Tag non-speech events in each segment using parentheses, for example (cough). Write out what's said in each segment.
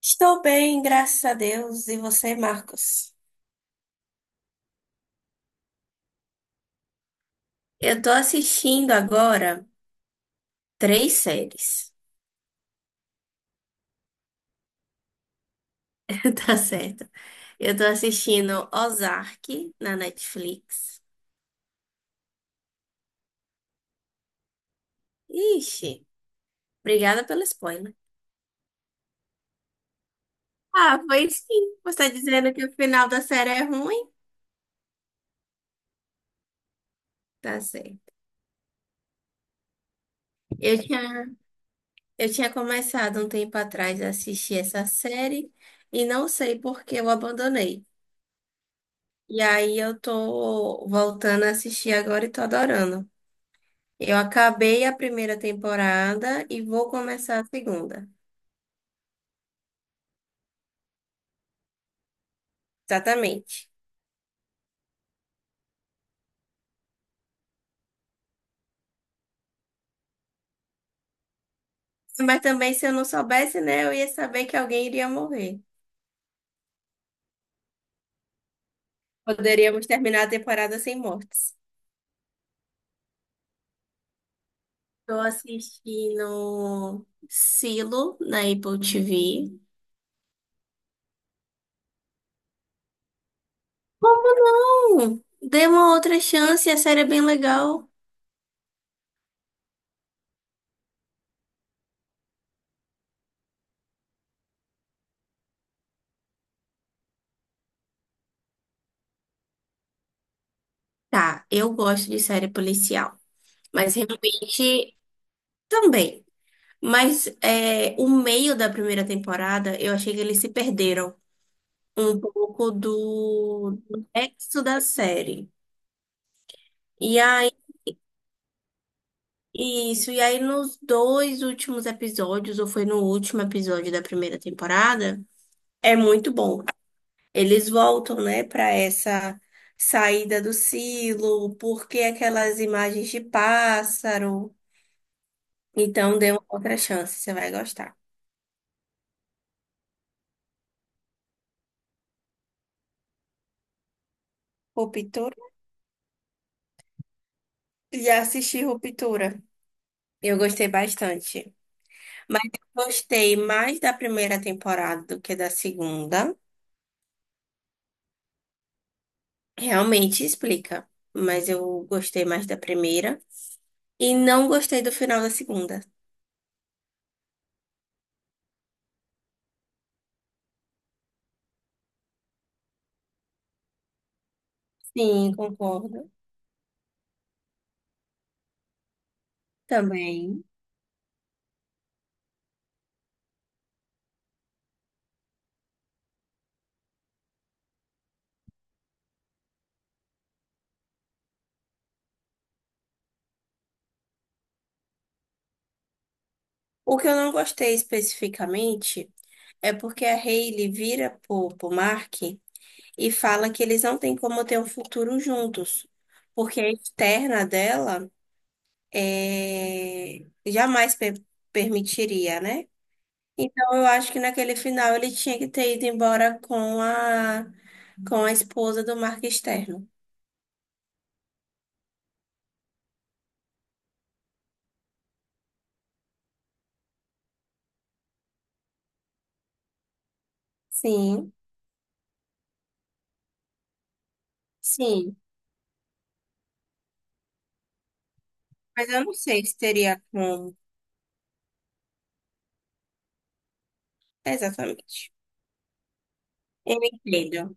Estou bem, graças a Deus. E você, Marcos? Eu tô assistindo agora três séries. (laughs) Tá certo. Eu tô assistindo Ozark na Netflix. Ixi, obrigada pelo spoiler. Ah, foi sim. Você tá dizendo que o final da série é ruim? Tá certo. Eu tinha, eu tinha começado um tempo atrás a assistir essa série e não sei por que eu abandonei. E aí eu tô voltando a assistir agora e tô adorando. Eu acabei a primeira temporada e vou começar a segunda. Exatamente. Mas também, se eu não soubesse, né, eu ia saber que alguém iria morrer. Poderíamos terminar a temporada sem mortes. Estou assistindo Silo na Apple TV. Como não? Dê uma outra chance, a série é bem legal. Tá, eu gosto de série policial, mas realmente também. Mas é, o meio da primeira temporada, eu achei que eles se perderam, um pouco do texto da série. E aí, isso, e aí nos dois últimos episódios, ou foi no último episódio da primeira temporada, é muito bom. Eles voltam, né, para essa saída do silo, porque aquelas imagens de pássaro. Então, dê uma outra chance, você vai gostar. Ruptura? Já assisti Ruptura. Eu gostei bastante. Mas eu gostei mais da primeira temporada do que da segunda. Realmente explica, mas eu gostei mais da primeira e não gostei do final da segunda. Sim, concordo. Também. O que eu não gostei especificamente é porque a Hailey vira pro Mark e fala que eles não têm como ter um futuro juntos, porque a externa dela é, jamais permitiria, né? Então eu acho que naquele final ele tinha que ter ido embora com a esposa do Mark externo. Sim, sim. Mas eu não sei se teria como. Exatamente. Eu entendo.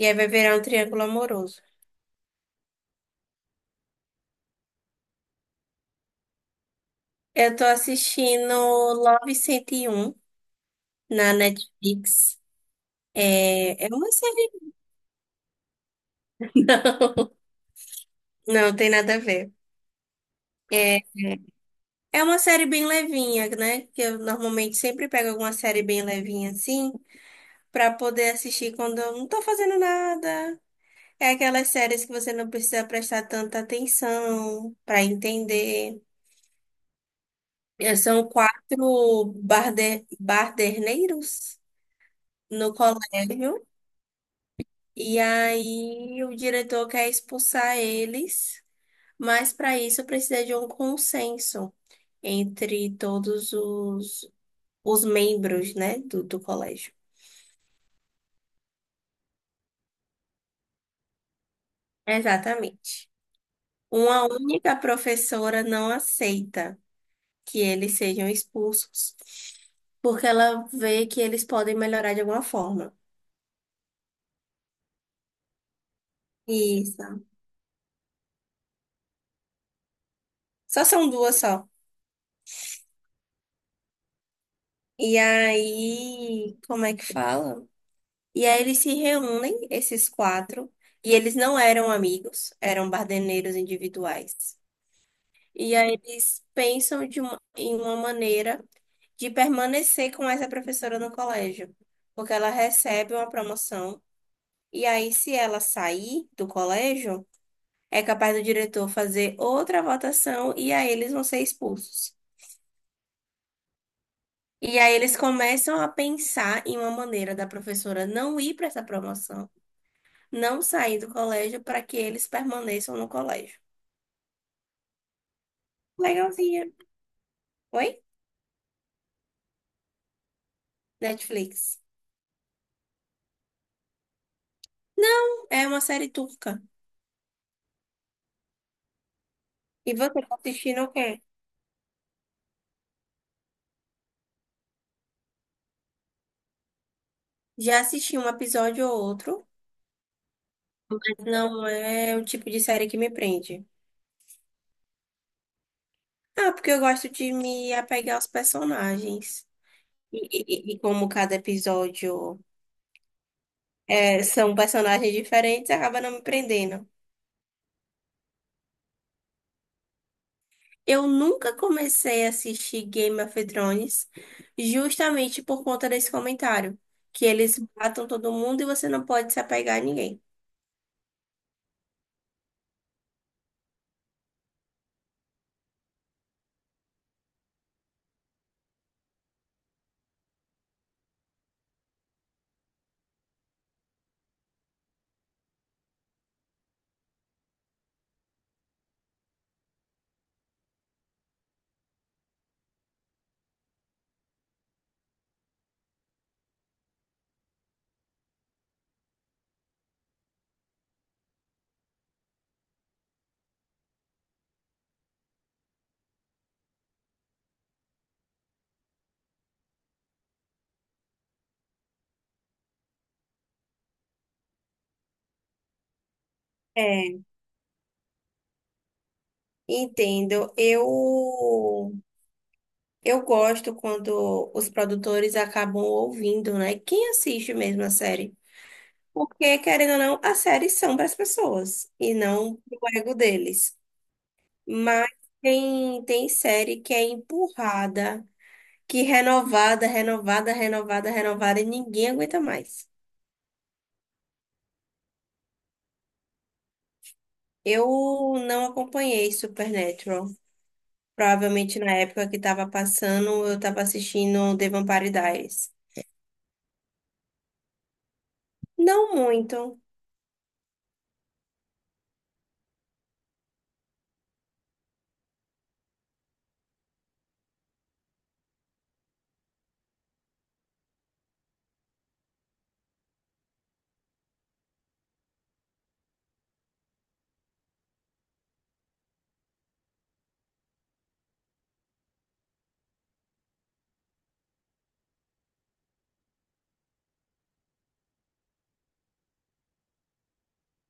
E aí vai virar um triângulo amoroso. Eu tô assistindo Love 101 na Netflix. É, é uma série. (laughs) Não, não tem nada a ver. É, é uma série bem levinha, né? Que eu normalmente sempre pego alguma série bem levinha assim, pra poder assistir quando eu não tô fazendo nada. É aquelas séries que você não precisa prestar tanta atenção pra entender. É, são quatro barderneiros no colégio, e aí o diretor quer expulsar eles, mas para isso precisa de um consenso entre os membros, né, do colégio. Exatamente. Uma única professora não aceita que eles sejam expulsos, porque ela vê que eles podem melhorar de alguma forma. Isso. Só são duas só. E aí, como é que fala? E aí eles se reúnem, esses quatro, e eles não eram amigos, eram bardeneiros individuais. E aí eles pensam em uma maneira de permanecer com essa professora no colégio, porque ela recebe uma promoção, e aí se ela sair do colégio, é capaz do diretor fazer outra votação, e aí eles vão ser expulsos. E aí eles começam a pensar em uma maneira da professora não ir para essa promoção, não sair do colégio para que eles permaneçam no colégio. Legalzinha. Oi? Netflix. Não, é uma série turca. E você tá assistindo o quê? Já assisti um episódio ou outro, mas não é o tipo de série que me prende. Ah, porque eu gosto de me apegar aos personagens. E, e como cada episódio é, são personagens diferentes, acaba não me prendendo. Eu nunca comecei a assistir Game of Thrones justamente por conta desse comentário, que eles matam todo mundo e você não pode se apegar a ninguém. É, entendo. Eu gosto quando os produtores acabam ouvindo, né? Quem assiste mesmo a série? Porque, querendo ou não, as séries são para as pessoas e não pro ego deles. Mas tem série que é empurrada, que renovada, renovada, renovada, renovada e ninguém aguenta mais. Eu não acompanhei Supernatural. Provavelmente na época que estava passando, eu estava assistindo The Vampire Diaries. Não muito,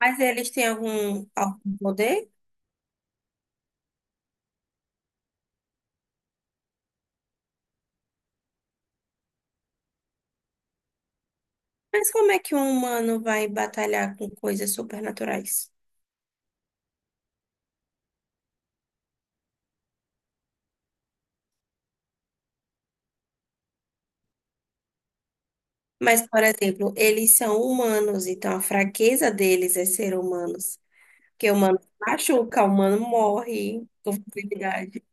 mas eles têm algum poder? Mas como é que um humano vai batalhar com coisas supernaturais? Mas, por exemplo, eles são humanos, então a fraqueza deles é ser humanos. Porque humano se machuca, humano morre com facilidade.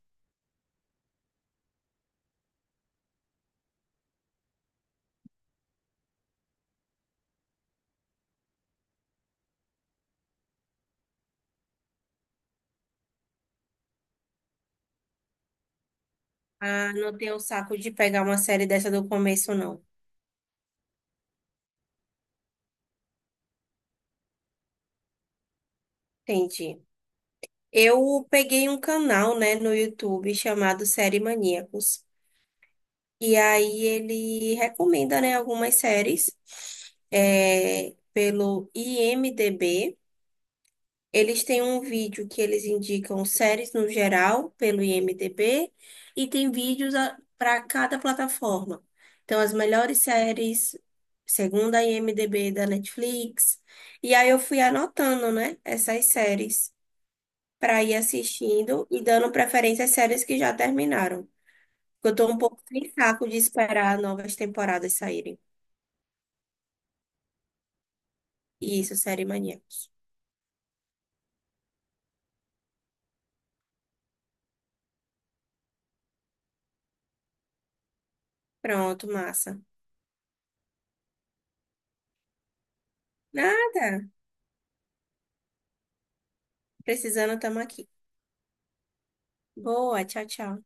Ah, não tenho saco de pegar uma série dessa do começo, não. Entendi. Eu peguei um canal, né, no YouTube chamado Série Maníacos. E aí ele recomenda, né, algumas séries é, pelo IMDb. Eles têm um vídeo que eles indicam séries no geral pelo IMDb e tem vídeos para cada plataforma. Então, as melhores séries, segundo a IMDb da Netflix. E aí eu fui anotando, né, essas séries para ir assistindo e dando preferência às séries que já terminaram. Eu tô um pouco sem saco de esperar novas temporadas saírem. Isso, série maníacos. Pronto, massa. Nada. Precisando, tamo aqui. Boa, tchau, tchau.